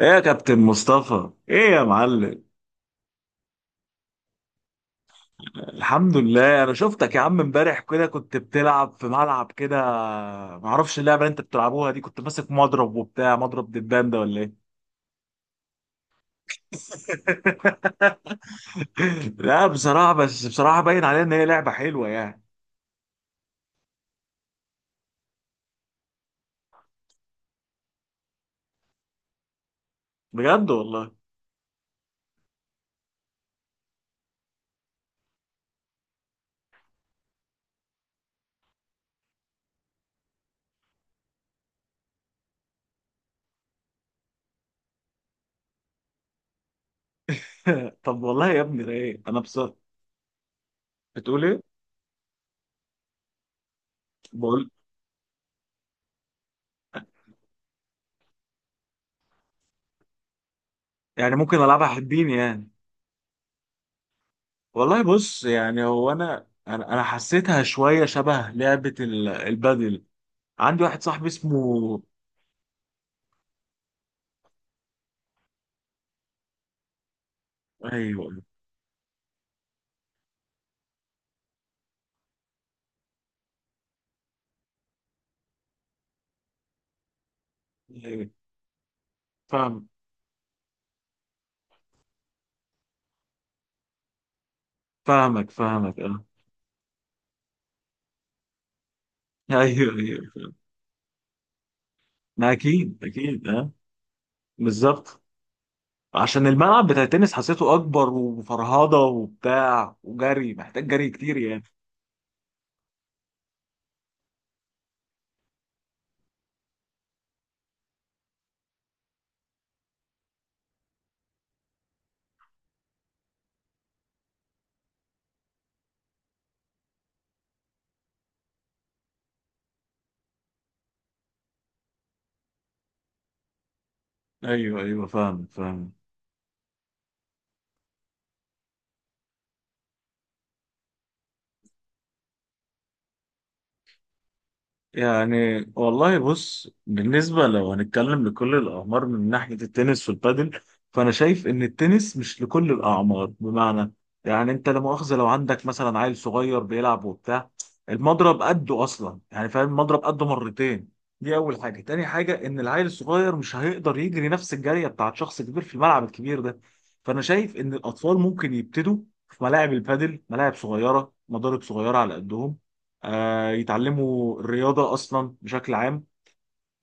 ايه يا كابتن مصطفى، ايه يا معلم. الحمد لله. انا شفتك يا عم امبارح كده، كنت بتلعب في ملعب كده. معرفش اللعبه اللي انت بتلعبوها دي. كنت ماسك مضرب وبتاع مضرب دبان ده ولا ايه؟ لا بصراحه، بس بصراحه باين عليها ان هي لعبه حلوه يعني. بجد والله. طب والله يا ابني ده ايه؟ انا بصراحه. بتقول ايه؟ بقول يعني ممكن العبها حبيني يعني. والله بص، يعني هو انا انا أنا حسيتها شويه شبه لعبه البادل. عندي واحد صاحبي اسمه. ايوه ايوه فاهم. فاهمك فاهمك اه. ايوه ايوه فاهم. ما اكيد اكيد اه. بالظبط. عشان الملعب بتاع التنس حسيته اكبر وفرهضه وبتاع وجري، محتاج جري كتير يعني. ايوه ايوه فاهم فاهم. يعني والله بص، بالنسبة لو هنتكلم لكل الأعمار من ناحية التنس والبادل، فأنا شايف إن التنس مش لكل الأعمار بمعنى. يعني أنت لا مؤاخذة، لو عندك مثلا عيل صغير بيلعب وبتاع، المضرب قده أصلا، يعني فاهم المضرب قده مرتين. دي أول حاجة. تاني حاجة إن العيل الصغير مش هيقدر يجري نفس الجرية بتاعت شخص كبير في الملعب الكبير ده. فأنا شايف إن الأطفال ممكن يبتدوا في ملاعب البادل، ملاعب صغيرة مضارب صغيرة على قدهم. يتعلموا الرياضة أصلا بشكل عام.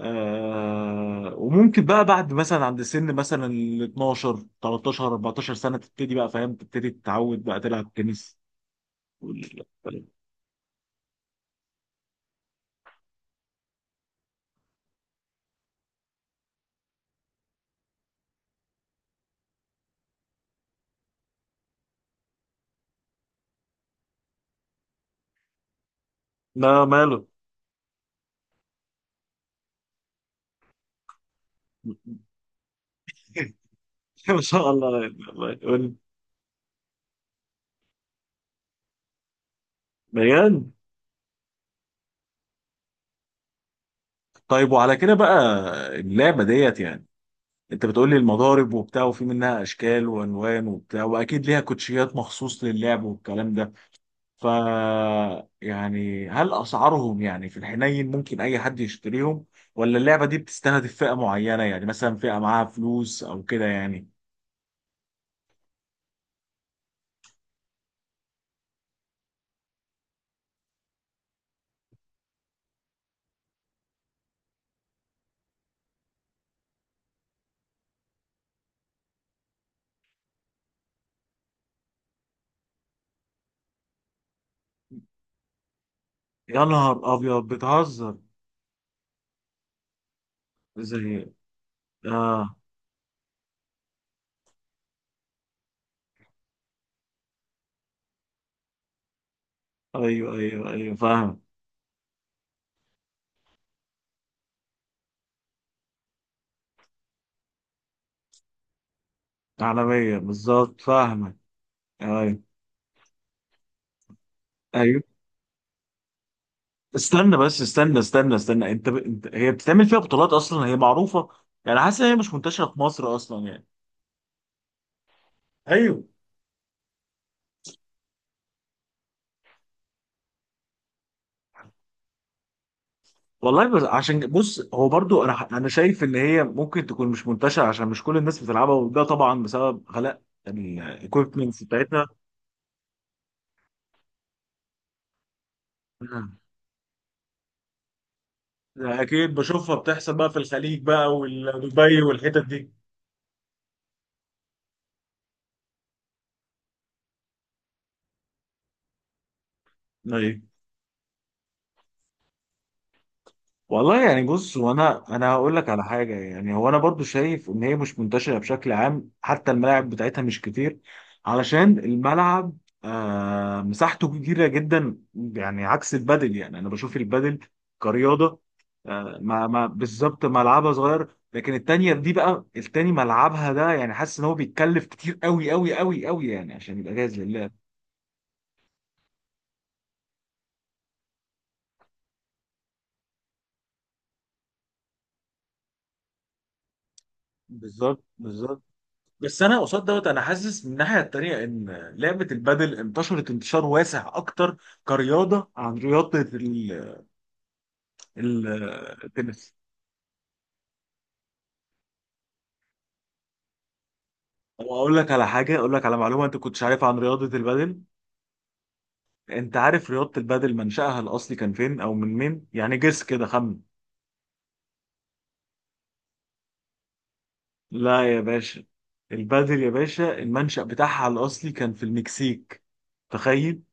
وممكن بقى بعد مثلا عند سن مثلا ال 12 13 14 سنة تبتدي بقى، فاهم، تبتدي تتعود بقى تلعب تنس. لا ماله. ما شاء الله، الله يقول. بجد. طيب وعلى كده بقى، اللعبة ديت يعني، انت بتقول لي المضارب وبتاع، وفي منها اشكال والوان وبتاع، واكيد ليها كوتشيات مخصوص للعب والكلام ده. ف يعني هل اسعارهم يعني في الحنين ممكن اي حد يشتريهم؟ ولا اللعبه دي بتستهدف فئه معينه يعني مثلا فئه معاها فلوس او كده يعني؟ يا نهار ابيض، بتهزر. زي اه، ايوه ايوه ايوه فاهم. عالميه بالظبط فاهمك. ايوه ايوه. استنى بس، استنى استنى استنى انت، انت هي بتتعمل فيها بطولات اصلا؟ هي معروفه يعني؟ حاسس ان هي مش منتشره في مصر اصلا يعني. ايوه. والله بس عشان بص، هو برضو انا شايف ان هي ممكن تكون مش منتشره عشان مش كل الناس بتلعبها، وده طبعا بسبب غلاء الايكويبمنتس بتاعتها. مم. اكيد بشوفها بتحصل بقى في الخليج بقى ودبي والحتت دي. أيوة. والله يعني بص، وانا انا هقول لك على حاجه يعني. هو انا برضو شايف ان هي مش منتشره بشكل عام، حتى الملاعب بتاعتها مش كتير. علشان الملعب مساحته كبيره جدا يعني، عكس البادل. يعني انا بشوف البادل كرياضه، ما بالظبط ملعبها صغير، لكن التانيه دي بقى، التاني ملعبها ده يعني حاسس ان هو بيتكلف كتير قوي قوي قوي قوي يعني عشان يبقى جاهز لله. بالظبط بالظبط. بس انا قصاد دوت، انا حاسس من الناحيه التانيه ان لعبه البادل انتشرت انتشار واسع اكتر كرياضه عن رياضه ال- التنس. طب اقول لك على حاجه، اقول لك على معلومه انت كنتش عارفها عن رياضه البادل. انت عارف رياضه البادل منشأها الاصلي كان فين او من مين؟ يعني جس كده، خمن. لا يا باشا. البادل يا باشا المنشأ بتاعها الاصلي كان في المكسيك، تخيل.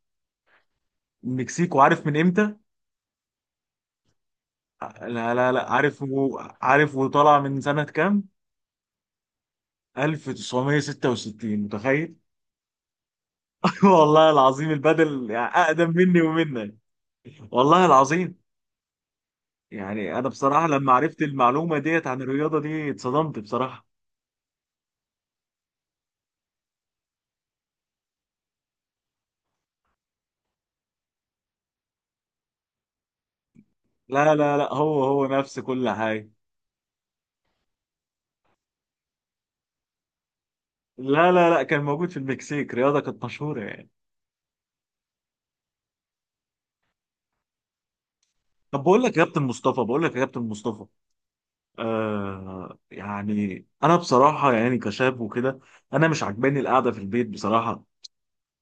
المكسيك، وعارف من امتى؟ لا لا لا، عارف عارف وطالع من سنه كام؟ 1966، متخيل؟ والله العظيم البدل يعني أقدم مني ومنك. والله العظيم. يعني أنا بصراحة لما عرفت المعلومة ديت عن الرياضة دي اتصدمت بصراحة. لا لا لا، هو هو نفس كل حاجة. لا لا لا، كان موجود في المكسيك رياضة كانت مشهورة يعني. طب بقول لك يا كابتن مصطفى، بقول لك يا كابتن مصطفى، يعني أنا بصراحة يعني كشاب وكده، أنا مش عاجباني القعدة في البيت بصراحة.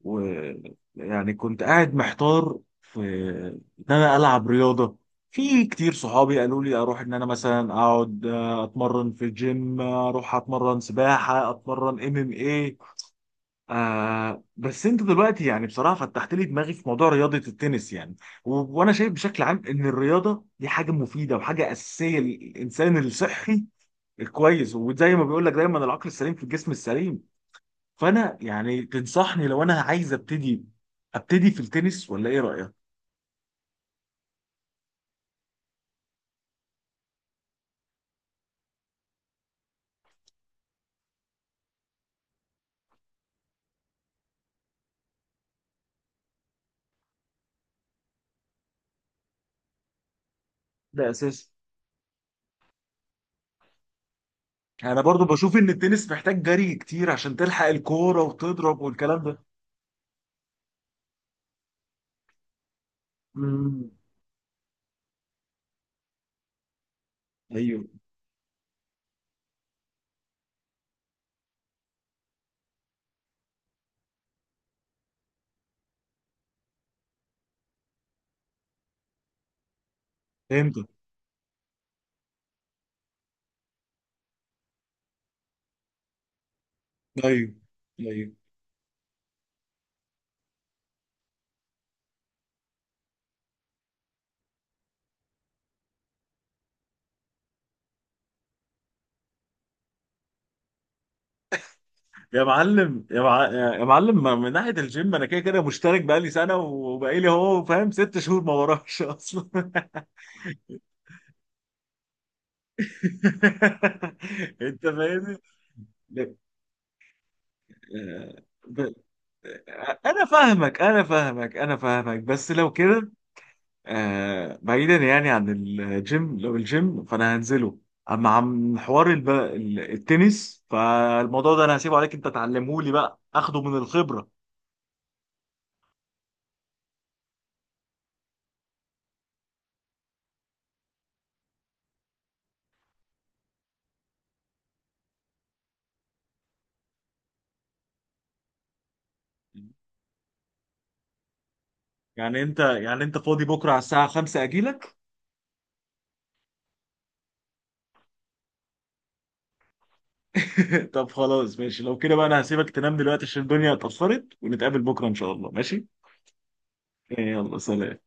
ويعني كنت قاعد محتار في ان انا العب رياضه. في كتير صحابي قالوا لي اروح، ان انا مثلا اقعد اتمرن في جيم، اروح اتمرن سباحه، اتمرن ام ام ايه. بس انت دلوقتي يعني بصراحه فتحت لي دماغي في موضوع رياضه التنس يعني. وانا شايف بشكل عام ان الرياضه دي حاجه مفيده وحاجه اساسيه للانسان الصحي الكويس. وزي ما بيقول لك دايما، العقل السليم في الجسم السليم. فانا يعني تنصحني لو انا عايز ابتدي، ابتدي في التنس، ولا ايه رايك؟ ده اساسي. انا برضو بشوف ان التنس محتاج جري كتير عشان تلحق الكوره وتضرب والكلام ده. مم. ايوه فهمت. ايوه ايوه. يا معلم يا، يا معلم من ناحيه الجيم انا كده كده مشترك بقالي سنه وبقالي هو فاهم ست شهور ما وراش اصلا. انت فاهمني. ب... آه، ب... آه، انا فاهمك انا فاهمك انا فاهمك، بس لو كده بعيدا يعني عن الجيم، لو الجيم فانا هنزله. اما عن حوار التنس، فالموضوع ده انا هسيبه عليك انت تعلمه لي بقى اخده من الخبرة. يعني انت فاضي بكرة على الساعة 5 اجيلك؟ طب خلاص ماشي، لو كده بقى انا هسيبك تنام دلوقتي عشان الدنيا اتأخرت ونتقابل بكرة ان شاء الله، ماشي. يلا، سلام.